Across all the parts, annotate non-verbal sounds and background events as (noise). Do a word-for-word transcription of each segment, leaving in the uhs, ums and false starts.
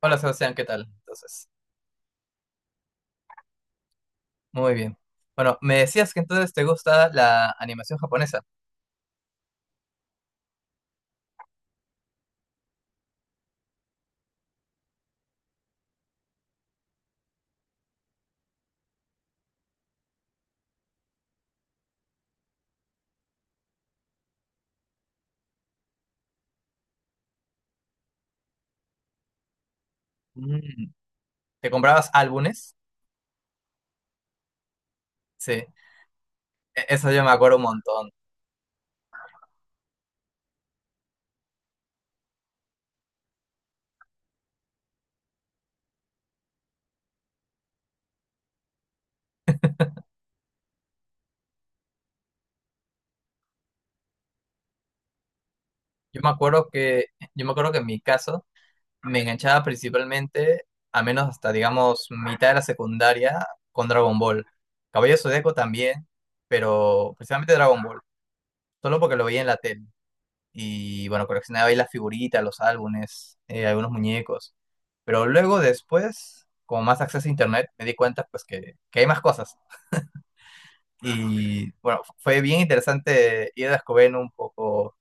Hola Sebastián, ¿qué tal? Entonces, muy bien. Bueno, me decías que entonces te gusta la animación japonesa. Mm, ¿te comprabas álbumes? Sí, e- Eso yo me acuerdo un montón. Yo me acuerdo que, yo me acuerdo que en mi caso me enganchaba principalmente, a menos hasta digamos mitad de la secundaria, con Dragon Ball. Caballero Zodíaco también, pero principalmente Dragon Ball, solo porque lo veía en la tele. Y bueno, coleccionaba ahí las figuritas, los álbumes, eh, algunos muñecos. Pero luego después, con más acceso a internet, me di cuenta pues que, que hay más cosas. Y bueno, f- fue bien interesante ir descubriendo un poco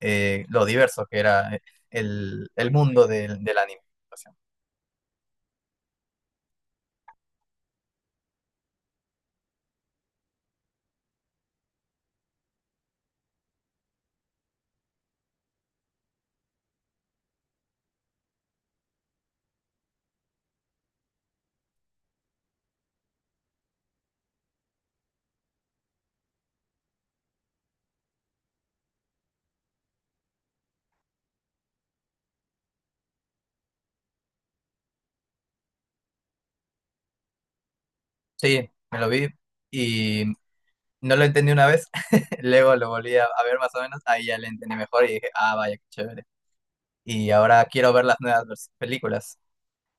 eh, lo diverso que era eh, el, el mundo del, del anime. O sea, sí, me lo vi y no lo entendí una vez, (laughs) luego lo volví a, a ver más o menos, ahí ya lo entendí mejor y dije, ah, vaya, qué chévere. Y ahora quiero ver las nuevas vers- películas,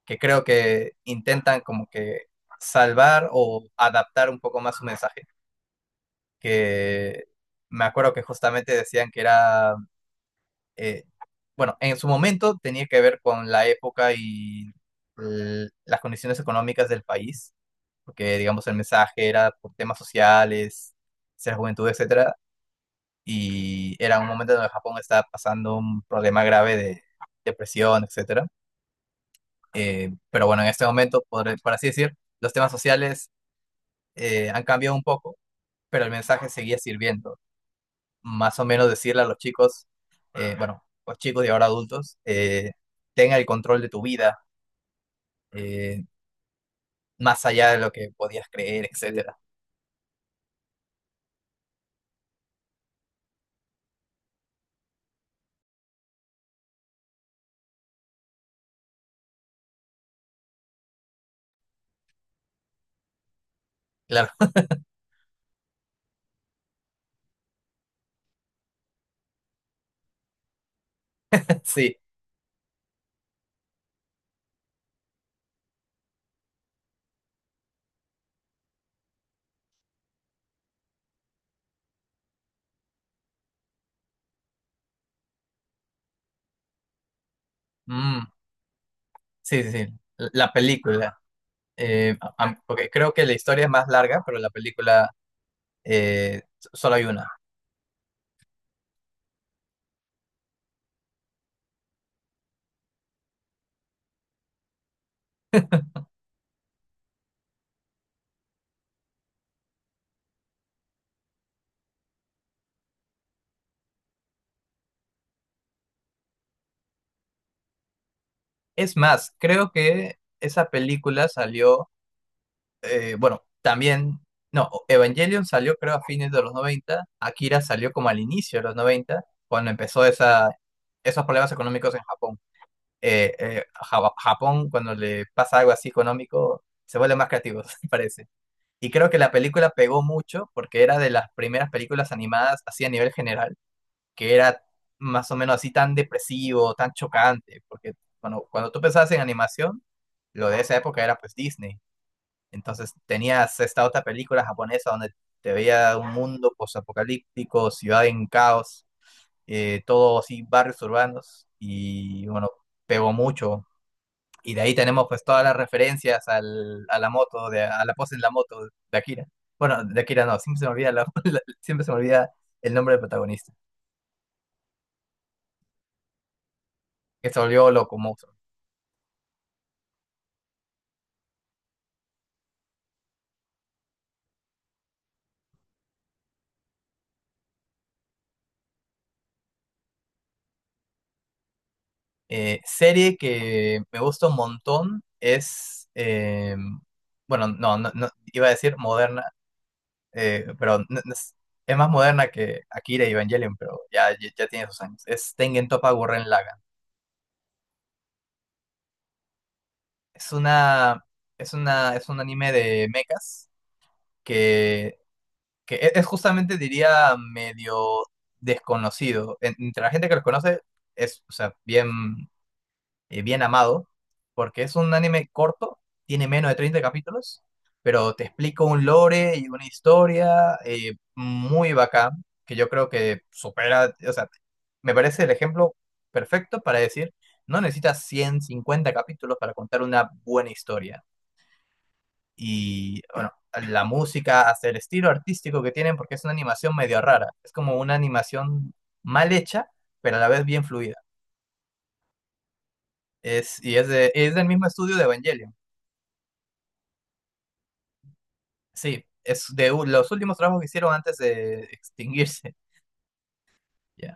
que creo que intentan como que salvar o adaptar un poco más su mensaje, que me acuerdo que justamente decían que era, eh, bueno, en su momento tenía que ver con la época y l- las condiciones económicas del país, porque digamos el mensaje era por temas sociales, ser juventud, etcétera, y era un momento donde Japón estaba pasando un problema grave de depresión, etcétera. Eh, pero bueno, en este momento, por, por así decir, los temas sociales eh, han cambiado un poco, pero el mensaje seguía sirviendo. Más o menos decirle a los chicos, eh, bueno, los chicos y ahora adultos, eh, tenga el control de tu vida, eh, más allá de lo que podías creer, etcétera. Claro, (laughs) sí. Mm, sí, sí, sí. La película, eh, a- a- porque creo que la historia es más larga, pero la película eh, s- solo hay una. Es más, creo que esa película salió eh, bueno, también, no, Evangelion salió creo a fines de los noventa. Akira salió como al inicio de los noventa, cuando empezó esa, esos problemas económicos en Japón. Eh, eh, Ja- Japón, cuando le pasa algo así económico, se vuelve más creativo, (laughs) parece. Y creo que la película pegó mucho porque era de las primeras películas animadas así a nivel general, que era más o menos así tan depresivo, tan chocante, porque bueno, cuando tú pensabas en animación, lo de esa época era pues Disney, entonces tenías esta otra película japonesa donde te veía un mundo posapocalíptico, ciudad en caos, eh, todo así, barrios urbanos, y bueno, pegó mucho. Y de ahí tenemos pues todas las referencias al, a la moto, de, a la pose en la moto de Akira. Bueno, de Akira no, siempre se me olvida, la- (laughs) la- siempre se me olvida el nombre del protagonista, que se volvió loco, monstruo. Eh, serie que me gusta un montón es, eh, bueno, no, no, no, iba a decir moderna, eh, pero n- n- es, es más moderna que Akira y Evangelion, pero ya, ya, ya tiene sus años. Es Tengen Toppa Gurren Lagann. Es una, es una, es un anime de mechas que, que e- es justamente, diría, medio desconocido. En- entre la gente que los conoce, es, o sea, bien eh, bien amado, porque es un anime corto, tiene menos de treinta capítulos, pero te explico un lore y una historia eh, muy bacán, que yo creo que supera, o sea, me parece el ejemplo perfecto para decir, no necesitas ciento cincuenta capítulos para contar una buena historia. Y bueno, la música, hasta el estilo artístico que tienen, porque es una animación medio rara, es como una animación mal hecha, pero a la vez bien fluida. Es, y es, de- es del mismo estudio de Evangelion. Sí, es de u- los últimos trabajos que hicieron antes de extinguirse. (laughs) Ya.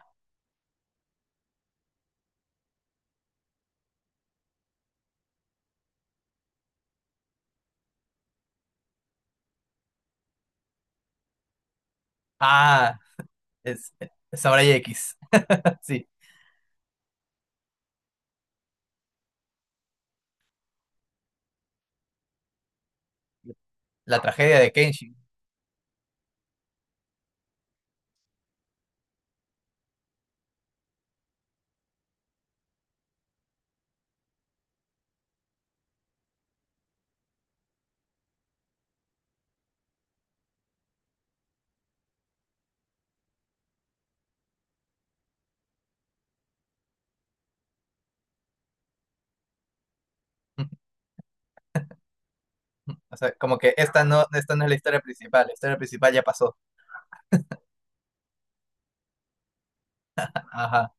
Ah, es es Samurai X. (laughs) Sí, la tragedia de Kenshin. (laughs) O sea, como que esta no, esta no es la historia principal, la historia principal ya pasó. Ajá.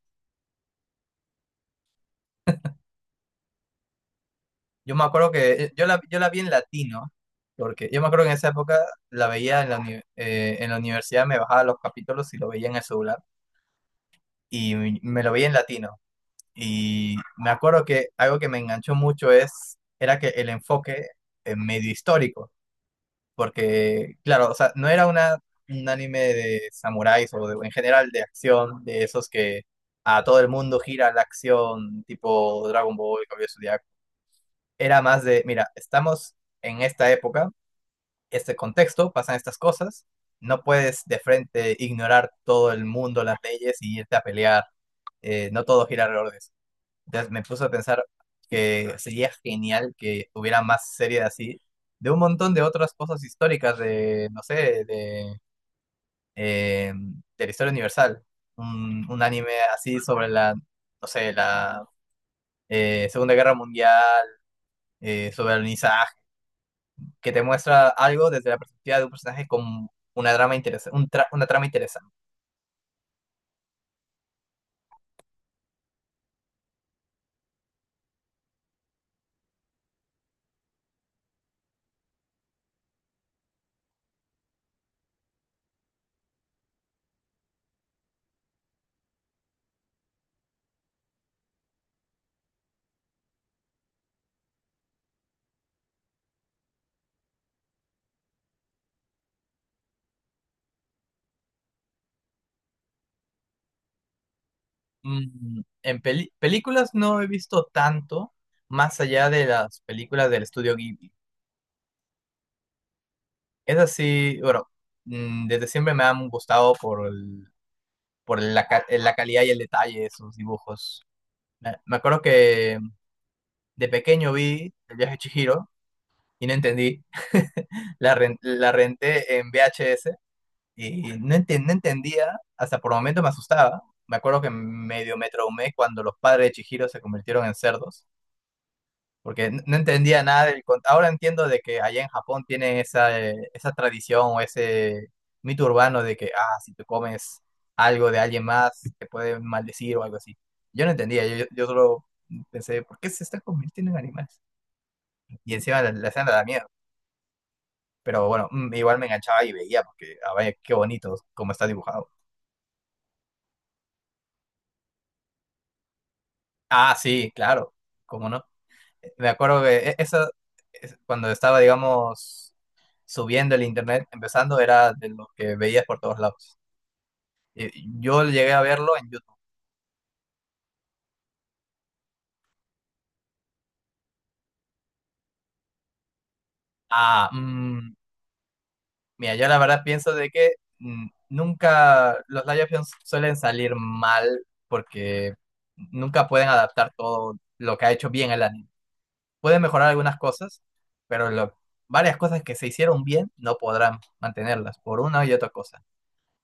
Yo me acuerdo que eh, yo la, yo la vi en latino, porque yo me acuerdo que en esa época la veía en la, uni- eh, en la universidad, me bajaba los capítulos y lo veía en el celular, y me lo veía en latino. Y me acuerdo que algo que me enganchó mucho es, era que el enfoque eh, medio histórico, porque, claro, o sea, no era una, un anime de samuráis o de- en general de acción, de esos que a todo el mundo gira la acción, tipo Dragon Ball, Caballero Zodiaco. Era más de, mira, estamos en esta época, este contexto, pasan estas cosas, no puedes de frente ignorar todo el mundo, las leyes y irte a pelear, eh, no todo gira alrededor de eso. Entonces me puso a pensar que sería genial que hubiera más series así, de un montón de otras cosas históricas, de, no sé, de, eh, de la historia universal. Un, un anime así sobre la, no sé, la eh, Segunda Guerra Mundial, eh, sobre el alunizaje, que te muestra algo desde la perspectiva de un personaje con una trama interesante, una trama interesante. Mm, en peli- películas no he visto tanto más allá de las películas del estudio Ghibli. Es así, bueno, mm, desde siempre me han gustado por, el- por la, ca- la calidad y el detalle de sus dibujos. Me me acuerdo que de pequeño vi El viaje de Chihiro y no entendí. (laughs) La, ren- la renté en VHS y no, enten- no entendía, hasta por momentos me asustaba. Me acuerdo que medio me traumé cuando los padres de Chihiro se convirtieron en cerdos, porque n- no entendía nada del... cont- Ahora entiendo de que allá en Japón tienen esa, eh, esa tradición o ese mito urbano de que, ah, si te comes algo de alguien más, te pueden maldecir o algo así. Yo no entendía, yo, yo solo pensé, ¿por qué se está convirtiendo en animales? Y encima la, la escena da miedo. Pero bueno, mm, igual me enganchaba y veía, porque, a ver, qué bonito cómo está dibujado. Ah, sí, claro, cómo no. Me acuerdo que e- esa, es- cuando estaba, digamos, subiendo el internet, empezando, era de lo que veías por todos lados. Eh, Yo llegué a verlo en YouTube. Ah, mm, mira, yo la verdad pienso de que mm, nunca los live actions suelen salir mal porque nunca pueden adaptar todo lo que ha hecho bien el anime. Pueden mejorar algunas cosas, pero lo- varias cosas que se hicieron bien no podrán mantenerlas por una y otra cosa.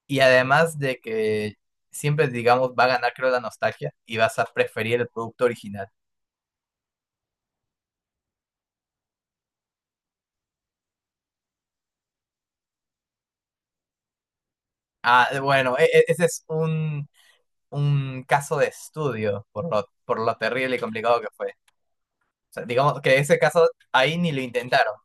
Y además de que siempre, digamos, va a ganar, creo, la nostalgia y vas a preferir el producto original. Ah, bueno, e- e- ese es un, un caso de estudio por lo, por lo terrible y complicado que fue. O sea, digamos que ese caso ahí ni lo intentaron.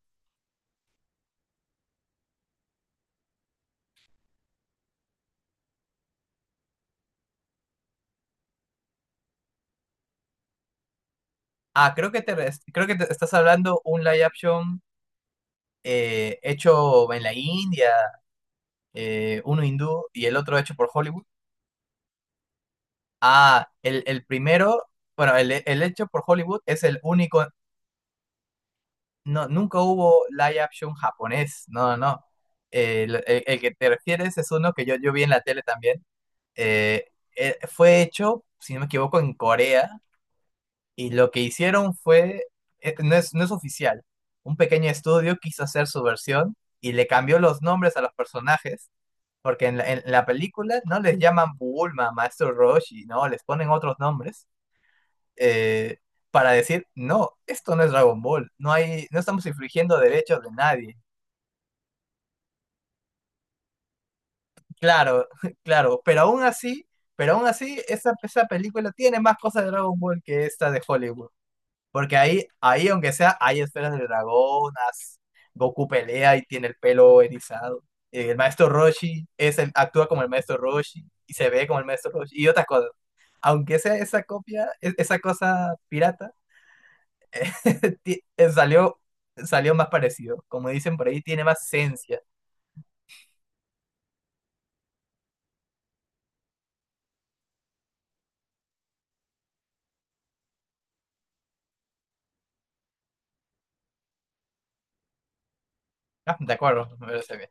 Ah, creo que te, res- creo que te estás hablando un live action eh, hecho en la India, eh, uno hindú y el otro hecho por Hollywood. Ah, el, el primero, bueno, el, el hecho por Hollywood es el único, no, nunca hubo live action japonés, no, no. El, el- el que te refieres es uno que yo, yo vi en la tele también eh, eh, fue hecho, si no me equivoco, en Corea, y lo que hicieron fue, eh, no es, no es oficial, un pequeño estudio quiso hacer su versión y le cambió los nombres a los personajes, porque en la, en la película no les llaman Bulma, Maestro Roshi, no, les ponen otros nombres. Eh, para decir, no, esto no es Dragon Ball, no hay, no estamos infringiendo derechos de nadie. Claro, (laughs) claro, pero aún así, pero aún así, esa, esa película tiene más cosas de Dragon Ball que esta de Hollywood. Porque ahí, ahí, aunque sea, hay esferas de dragón, as- Goku pelea y tiene el pelo erizado. El maestro Roshi es el, actúa como el maestro Roshi y se ve como el maestro Roshi y otras cosas. Aunque sea esa copia, e- esa cosa pirata, (laughs) ti- eh, salió, salió más parecido. Como dicen por ahí, tiene más esencia. Ah, de acuerdo, me parece bien.